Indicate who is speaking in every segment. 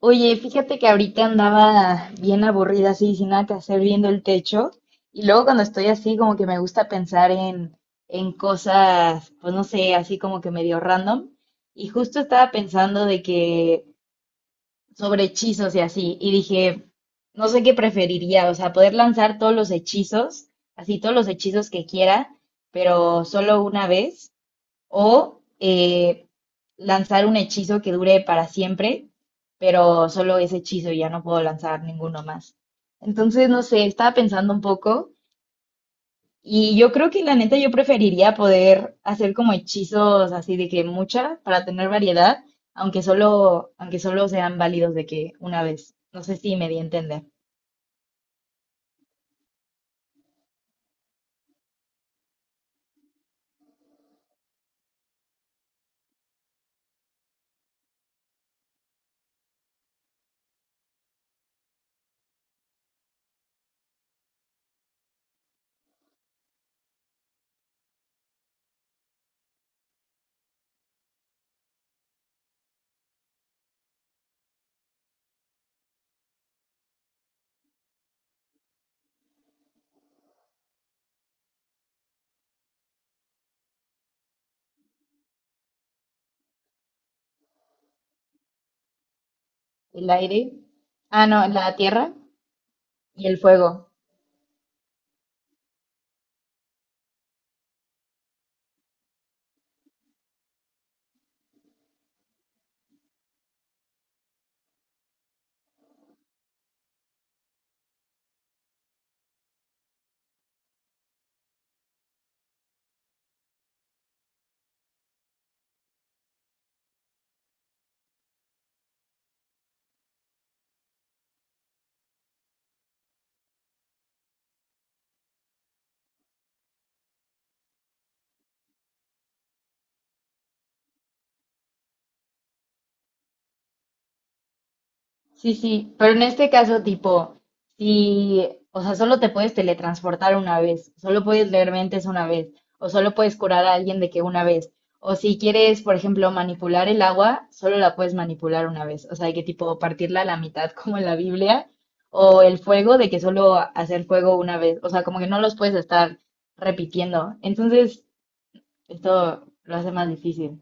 Speaker 1: Oye, fíjate que ahorita andaba bien aburrida, así, sin nada que hacer, viendo el techo. Y luego cuando estoy así, como que me gusta pensar en cosas, pues no sé, así como que medio random. Y justo estaba pensando de que sobre hechizos y así. Y dije, no sé qué preferiría, o sea, poder lanzar todos los hechizos, así todos los hechizos que quiera, pero solo una vez. O lanzar un hechizo que dure para siempre, pero solo ese hechizo y ya no puedo lanzar ninguno más. Entonces, no sé, estaba pensando un poco y yo creo que la neta yo preferiría poder hacer como hechizos así de que mucha para tener variedad, aunque solo sean válidos de que una vez. No sé si me di a entender. El aire, ah, no, la tierra y el fuego. Sí, sí, pero en este caso, tipo, si, o sea, solo te puedes teletransportar una vez, solo puedes leer mentes una vez, o solo puedes curar a alguien de que una vez, o si quieres, por ejemplo, manipular el agua, solo la puedes manipular una vez, o sea, de que tipo partirla a la mitad como en la Biblia, o el fuego, de que solo hacer fuego una vez, o sea, como que no los puedes estar repitiendo. Entonces, esto lo hace más difícil.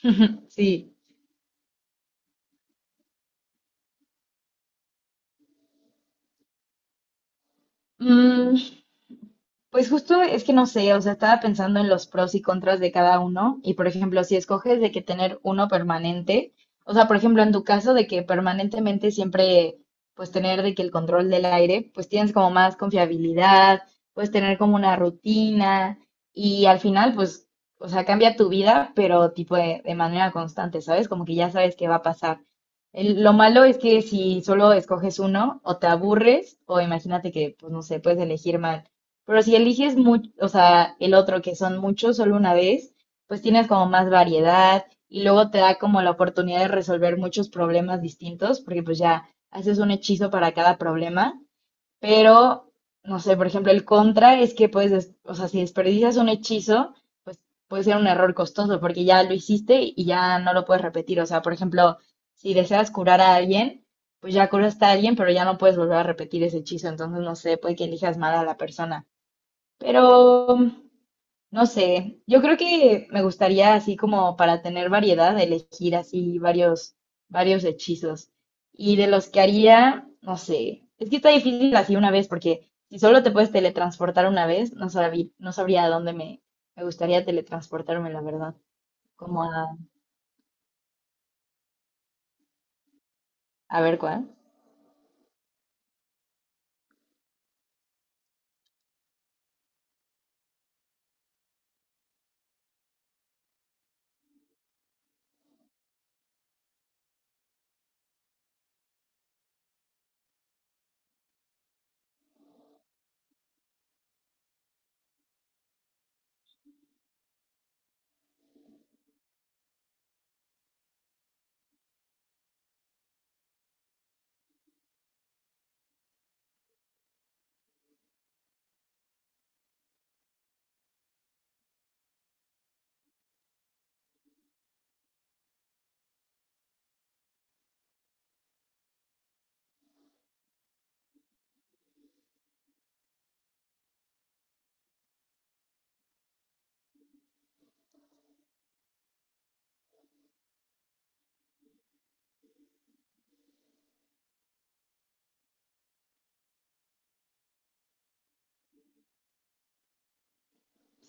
Speaker 1: Sí. Mm, Pues justo es que no sé, o sea, estaba pensando en los pros y contras de cada uno y por ejemplo, si escoges de que tener uno permanente, o sea, por ejemplo, en tu caso de que permanentemente siempre pues tener de que el control del aire, pues tienes como más confiabilidad, puedes tener como una rutina y al final pues, o sea, cambia tu vida, pero tipo de manera constante, ¿sabes? Como que ya sabes qué va a pasar. El- lo malo es que si solo escoges uno, o te aburres, o imagínate que, pues no sé, puedes elegir más, pero si eliges mucho, o sea, el otro que son muchos solo una vez, pues tienes como más variedad y luego te da como la oportunidad de resolver muchos problemas distintos, porque pues ya haces un hechizo para cada problema, pero no sé, por ejemplo, el contra es que puedes, des- o sea, si desperdicias un hechizo, pues puede ser un error costoso porque ya lo hiciste y ya no lo puedes repetir. O sea, por ejemplo, si deseas curar a alguien, pues ya curaste a alguien, pero ya no puedes volver a repetir ese hechizo. Entonces, no sé, puede que elijas mal a la persona. Pero, no sé, yo creo que me gustaría así como para tener variedad, elegir así varios hechizos. Y de los que haría, no sé, es que está difícil así una vez, porque si solo te puedes teletransportar una vez, no sabría a dónde me gustaría teletransportarme, la verdad. Como a ver cuál.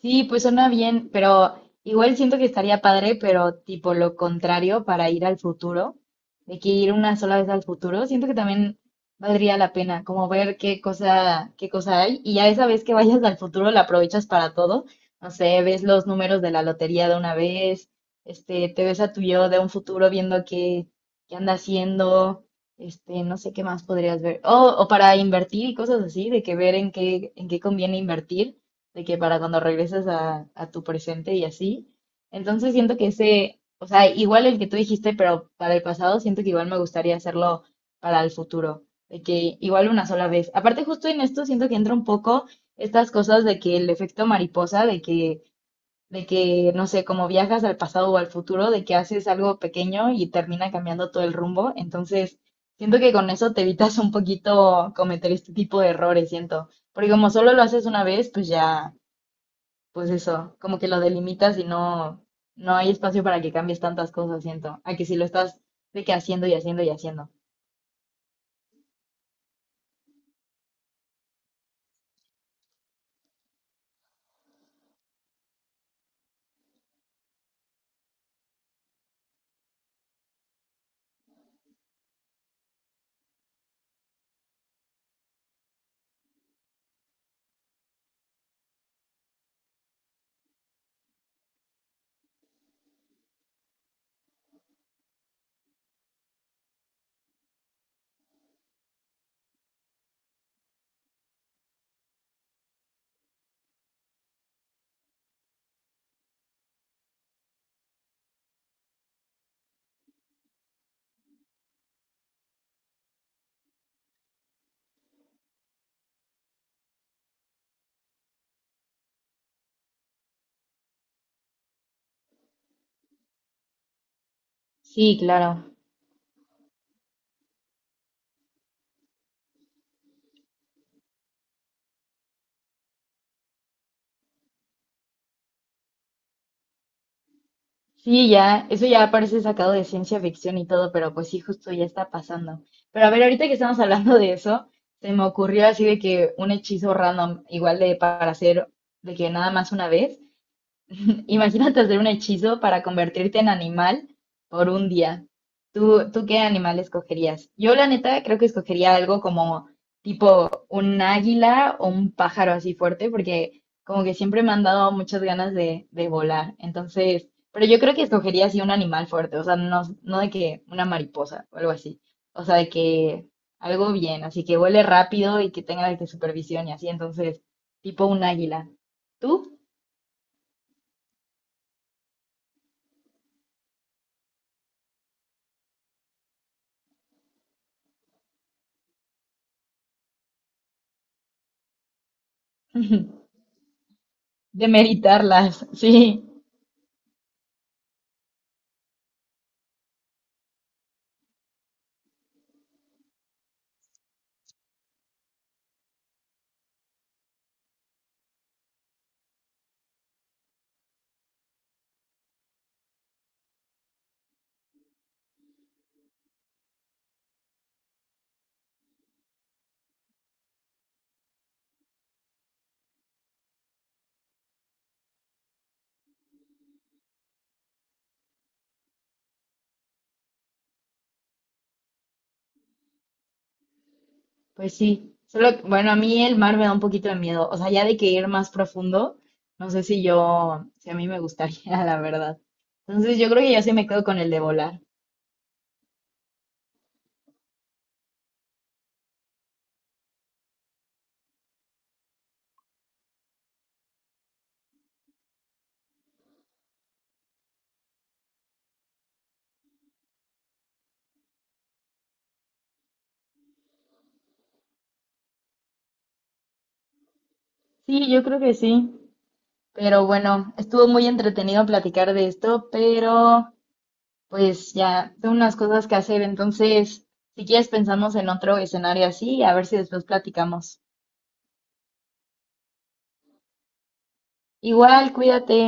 Speaker 1: Sí, pues suena bien, pero igual siento que estaría padre, pero tipo lo contrario para ir al futuro, de que ir una sola vez al futuro, siento que también valdría la pena, como ver qué cosa hay, y ya esa vez que vayas al futuro la aprovechas para todo, no sé, ves los números de la lotería de una vez, este, te ves a tu yo de un futuro viendo qué anda haciendo, este, no sé qué más podrías ver, o para invertir y cosas así, de que ver en en qué conviene invertir de que para cuando regreses a tu presente y así. Entonces siento que ese, o sea, igual el que tú dijiste, pero para el pasado, siento que igual me gustaría hacerlo para el futuro, de que igual una sola vez. Aparte, justo en esto siento que entra un poco estas cosas de que el efecto mariposa, no sé, como viajas al pasado o al futuro, de que haces algo pequeño y termina cambiando todo el rumbo. Entonces, siento que con eso te evitas un poquito cometer este tipo de errores, siento. Porque como solo lo haces una vez, pues ya, pues eso, como que lo delimitas y no, no hay espacio para que cambies tantas cosas, siento, a que si lo estás de que haciendo y haciendo y haciendo. Sí, claro. Sí, ya, eso ya parece sacado de ciencia ficción y todo, pero pues sí, justo ya está pasando. Pero a ver, ahorita que estamos hablando de eso, se me ocurrió así de que un hechizo random, igual de para hacer de que nada más una vez, imagínate hacer un hechizo para convertirte en animal por un día. ¿Tú qué animal escogerías? Yo, la neta, creo que escogería algo como tipo un águila o un pájaro así fuerte, porque como que siempre me han dado muchas ganas de volar. Entonces, pero yo creo que escogería así un animal fuerte, o sea, no de que una mariposa o algo así. O sea, de que algo bien, así que vuele rápido y que tenga de que supervisión y así. Entonces, tipo un águila. ¿Tú? Demeritarlas, sí, pues sí. Solo, que, bueno, a mí el mar me da un poquito de miedo. O sea, ya de que ir más profundo, no sé si a mí me gustaría, la verdad. Entonces, yo creo que yo sí me quedo con el de volar. Sí, yo creo que sí. Pero bueno, estuvo muy entretenido platicar de esto, pero pues ya tengo unas cosas que hacer. Entonces, si quieres, pensamos en otro escenario así, a ver si después platicamos. Igual, cuídate.